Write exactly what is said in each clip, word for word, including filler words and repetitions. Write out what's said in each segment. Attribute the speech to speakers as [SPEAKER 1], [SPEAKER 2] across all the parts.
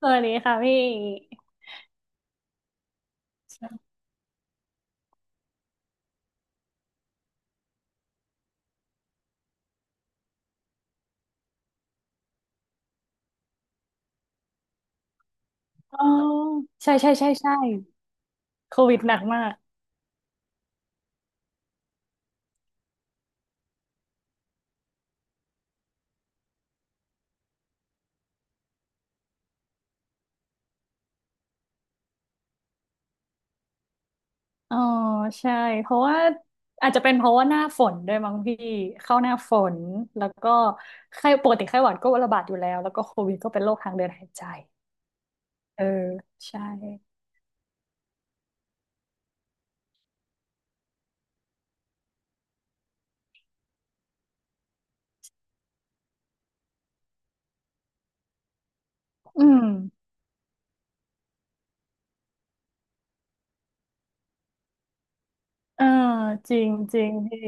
[SPEAKER 1] สวัสดีค่ะพี่อ๋อใช่ใช่ใช่ใช่โควิดหนักมากอ๋อใช่เพราะว่าอาจจะเป็นเพราะว่าหน้าฝนด้วยมั้งพี่เข้าหน้าฝนแล้วก็ไข้ปกติไข้หวัดก็ระบาดอยู่แล้วแล้วก็โควิดก็เป็นโรคทางเดินหายใจเออใช่อืมเออจริงจริงพี่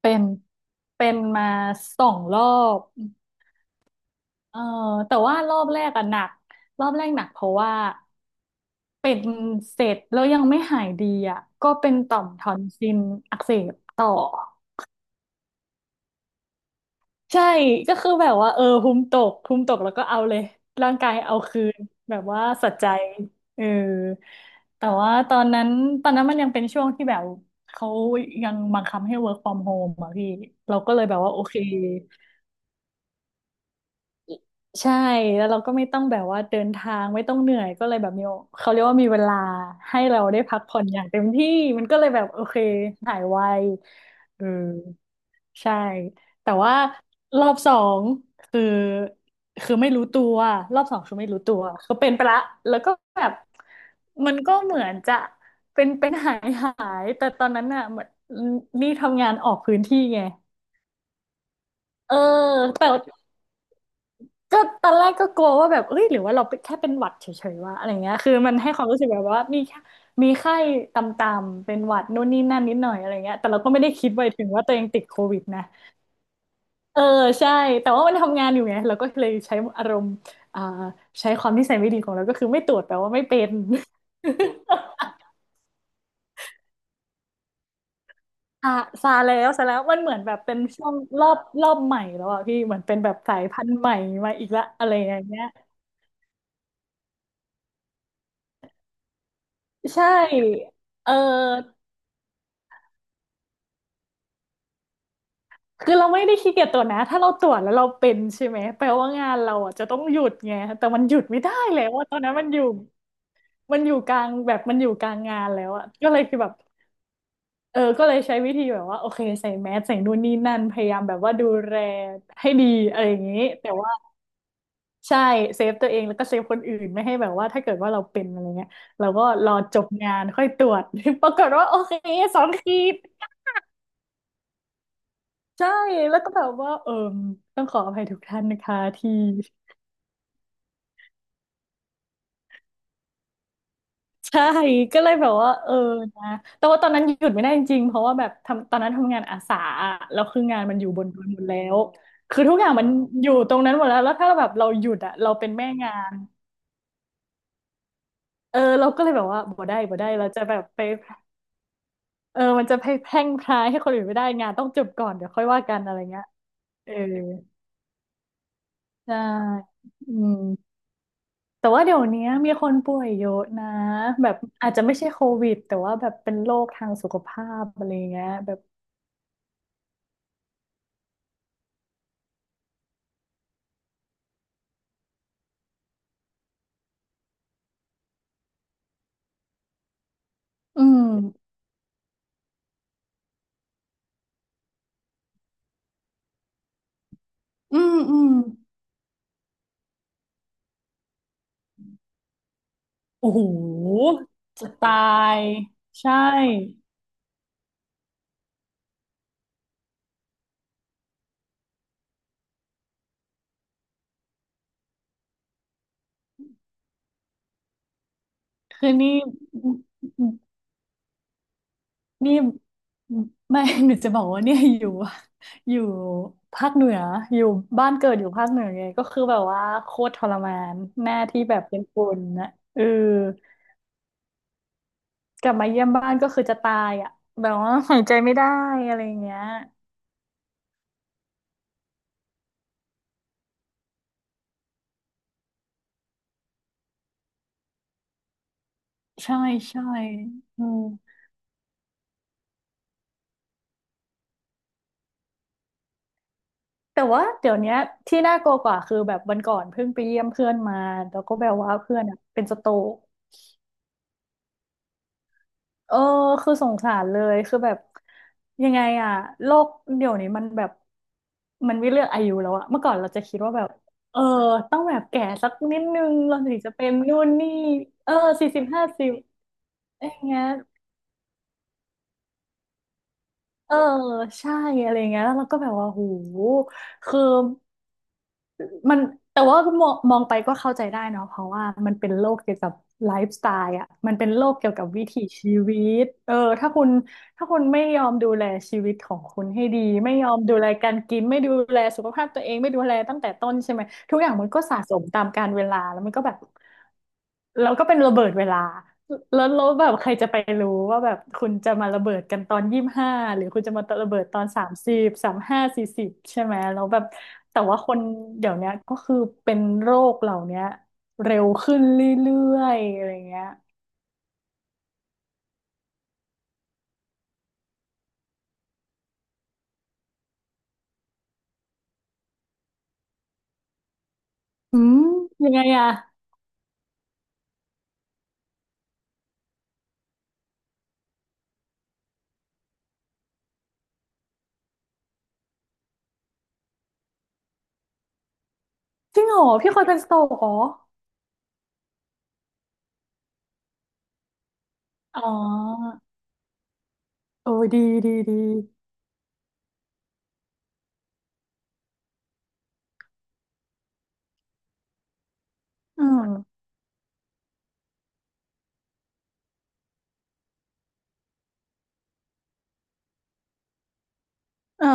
[SPEAKER 1] เป็นเป็นมาสองรอบเออแต่ว่ารอบแรกอะหนักรอบแรกหนักเพราะว่า เป็นเสร็จแล้วยังไม่หายดีอ่ะก็เป็นต่อมทอนซิลอักเสบต่อใช่ก็คือแบบว่าเออภูมิตกภูมิตกแล้วก็เอาเลยร่างกายเอาคืนแบบว่าสัใจเออแต่ว่าตอนนั้นตอนนั้นมันยังเป็นช่วงที่แบบเขายังบังคับให้ work from home อ่ะพี่เราก็เลยแบบว่าโอเค ใช่แล้วเราก็ไม่ต้องแบบว่าเดินทางไม่ต้องเหนื่อยก็เลยแบบมีเขาเรียกว่ามีเวลาให้เราได้พักผ่อนอย่างเต็มที่มันก็เลยแบบโอเคหายไวเออใช่แต่ว่ารอบสองคือคือไม่รู้ตัวรอบสองคือไม่รู้ตัวคือเป็นไปละแล้วก็แบบมันก็เหมือนจะเป็นเป็นหายหายแต่ตอนนั้นน่ะเหมือนนี่ทำงานออกพื้นที่ไงเออแต่ ก็ตอนแรกก็กลัวว่าแบบเอ้ยหรือว่าเราเป็นแค่เป็นหวัดเฉยๆวะอะไรเงี้ยคือมันให้ความรู้สึกแบบว่ามีแค่มีไข้ต่ำๆเป็นหวัดนู่นนี่นั่นนิดหน่อยอะไรเงี้ยแต่เราก็ไม่ได้คิดไปถึงว่าตัวเองติดโควิดนะเออใช่แต่ว่ามันทำงานอยู่ไงเราก็เลยใช้อารมณ์อ่าใช้ความนิสัยไม่ดีของเราก็คือไม่ตรวจแปลว่าไม่เป็น อ่ะซาแล้วซาแล้วมันเหมือนแบบเป็นช่วงรอบรอบใหม่แล้วอ่ะพี่เหมือนเป็นแบบสายพันธุ์ใหม่มาอีกละอะไรอย่างเงี้ยใช่เออ คือเราไม่ได้ขี้เกียจตรวจนะถ้าเราตรวจแล้วเราเป็นใช่ไหม แปลว่างานเราอ่ะจะต้องหยุดไง แต่มันหยุดไม่ได้แล้วว่าตอนนั้นมันอยู่มันอยู่กลางแบบมันอยู่กลางงานแล้วอ่ะก็เลยคือแบบเออก็เลยใช้วิธีแบบว่าโอเคใส่แมสใส่นู่นนี่นั่น พยายามแบบว่าดูแลให้ดีอะไรอย่างนี้แต่ว่าใช่เซฟตัวเองแล้วก็เซฟคนอื่นไม่ให้แบบว่าถ้าเกิดว่าเราเป็นอะไรเงี้ยเราก็รอจบงานค่อยตรวจ ปรากฏว่าโอเคสองขีดใช่แล้วก็แบบว่าเออต้องขออภัยทุกท่านนะคะที่ ใช่ก็เลยแบบว่าเออนะแต่ว่าตอนนั้นหยุดไม่ได้จริงๆเพราะว่าแบบทำตอนนั้นทำงานอาสาอะแล้วคืองานมันอยู่บนดอยหมดแล้วคือทุกอย่างมันอยู่ตรงนั้นหมดแล้วแล้วถ้าแบบเราหยุดอะเราเป็นแม่งานเออเราก็เลยแบบว่าบ่ได้บ่ได้เราจะแบบไปเออมันจะไปแพร่งพรายให้คนอื่นไม่ได้งานต้องจบก่อนเดี๋ยวค่อยว่ากันอะไรเงี้ยเออใช่อืมแต่ว่าเดี๋ยวนี้มีคนป่วยเยอะนะแบบอาจจะไม่ใช่โควิดแต่ว่าแบบเป็นโรคทางสุขภาพอะไรเงี้ยแบบอืม อืมอืมโอ้โหจะตายใช่คือนี่นี่ไม่ หนูจะบอกว่าเนี่ยอยู่อยู่ภาคเหนืออยู่บ้านเกิดอยู่ภาคเหนือไงก็คือแบบว่าโคตรทรมานแม่ที่แบบเป็นคนนะเออกลับมาเยี่ยมบ้านก็คือจะตายอ่ะแบบว่าหายใจไม่ได้อะไรอย่างเงี้ยใช่ใช่อืม แต่ว่าเดี๋ยวเนี้ยที่น่ากลัวกว่าคือแบบวันก่อนเพิ่งไปเยี่ยมเพื่อนมาแล้วก็แบบว่าเพื่อนอะเป็นสโตรกเออคือสงสารเลยคือแบบยังไงอะโลกเดี๋ยวนี้มันแบบมันไม่เลือกอายุแล้วอะเมื่อก่อนเราจะคิดว่าแบบเออต้องแบบแก่สักนิดนึงเราถึงจะเป็นนู่นนี่เออสี่สิบห้าสิบอย่างเงี้ยเออใช่อะไรเงี้ยแล้วเราก็แบบว่าโหคือ มันแต่ว่ามองมองไปก็เข้าใจได้เนาะเพราะว่ามันเป็นโลกเกี่ยวกับไลฟ์สไตล์อ่ะมันเป็นโลกเกี่ยวกับวิถีชีวิตเออถ้าคุณ ถ้าคุณไม่ยอมดูแลชีวิตของคุณให้ดีไม่ยอมดูแลการกินไม่ดูแลสุขภาพตัวเองไม่ดูแลตั้งแต่ต้นใช่ไหมทุกอย่างมันก็สะสมตามกาลเวลาแล้วมันก็แบบเราก็เป็นระเบิดเวลาแล้วแล้วแบบใครจะไปรู้ว่าแบบคุณจะมาระเบิดกันตอนยี่สิบห้าหรือคุณจะมาระเบิดตอนสามสิบสามห้าสี่สิบใช่ไหมแล้วแบบแต่ว่าคนเดี๋ยวเนี้ยก็คือเป็นโรคเหล่าเนี้ยเร็วขึ้นเรื่อยๆอะไรเงี้ยอืมยังไงอะจริงเหรอพี่เคยเป็นสโตรกเหรอ อ๋อโอ้ยดีดีดีอืมเออ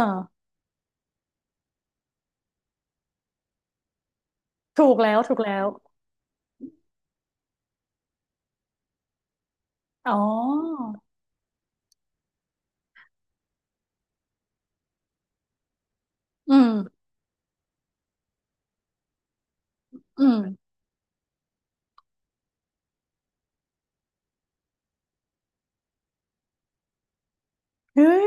[SPEAKER 1] ถูกแล้วถูกแล้วอ๋ออืมอืมเฮ้ย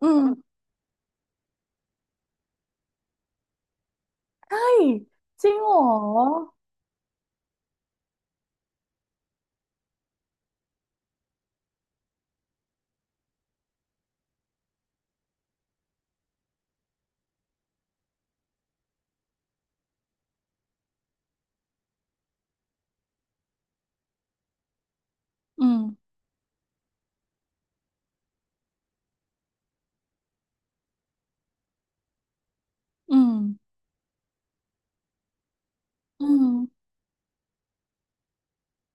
[SPEAKER 1] อืมใช่จริงเหรออืมอืมอืม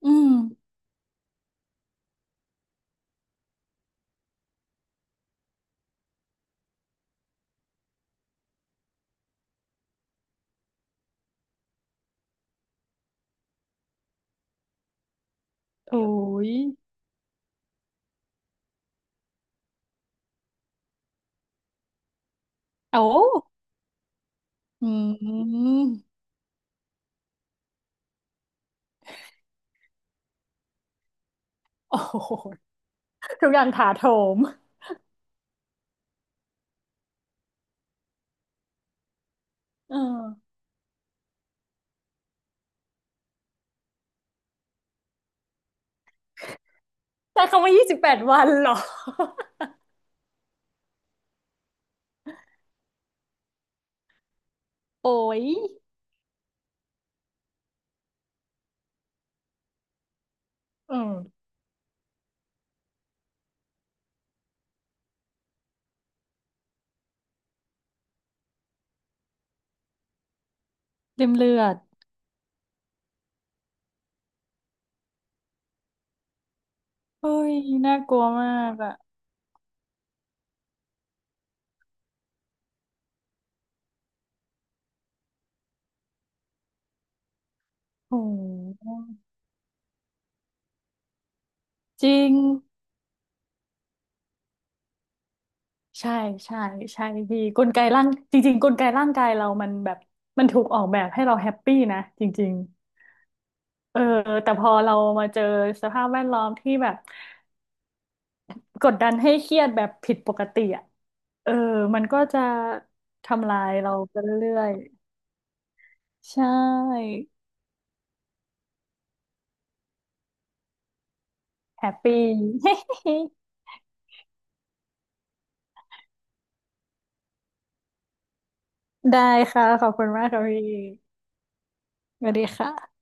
[SPEAKER 1] อืมโอ้ยโอ้อืมโอ้โหทุกอย่างถาโถมเออแต่คำว่ายี่สิบแปดวันเหรอโอ้ยอืมเต็มเลือดเฮ้ยน่ากลัวมากอะโอ้หจริง ใช่ใช่ใช่พี่กลไกร่างจริงๆกลไกร่างกายเรามันแบบมันถูกออกแบบให้เราแฮปปี้นะจริงๆเออแต่พอเรามาเจอสภาพแวดล้อมที่แบบกดดันให้เครียดแบบผิดปกติอ่ะเออมันก็จะทำลายเราไปเรื่อยๆใช่แฮปปี้ ได้ค่ะขอบคุณมากค่ะพี่สวัสดีค่ะ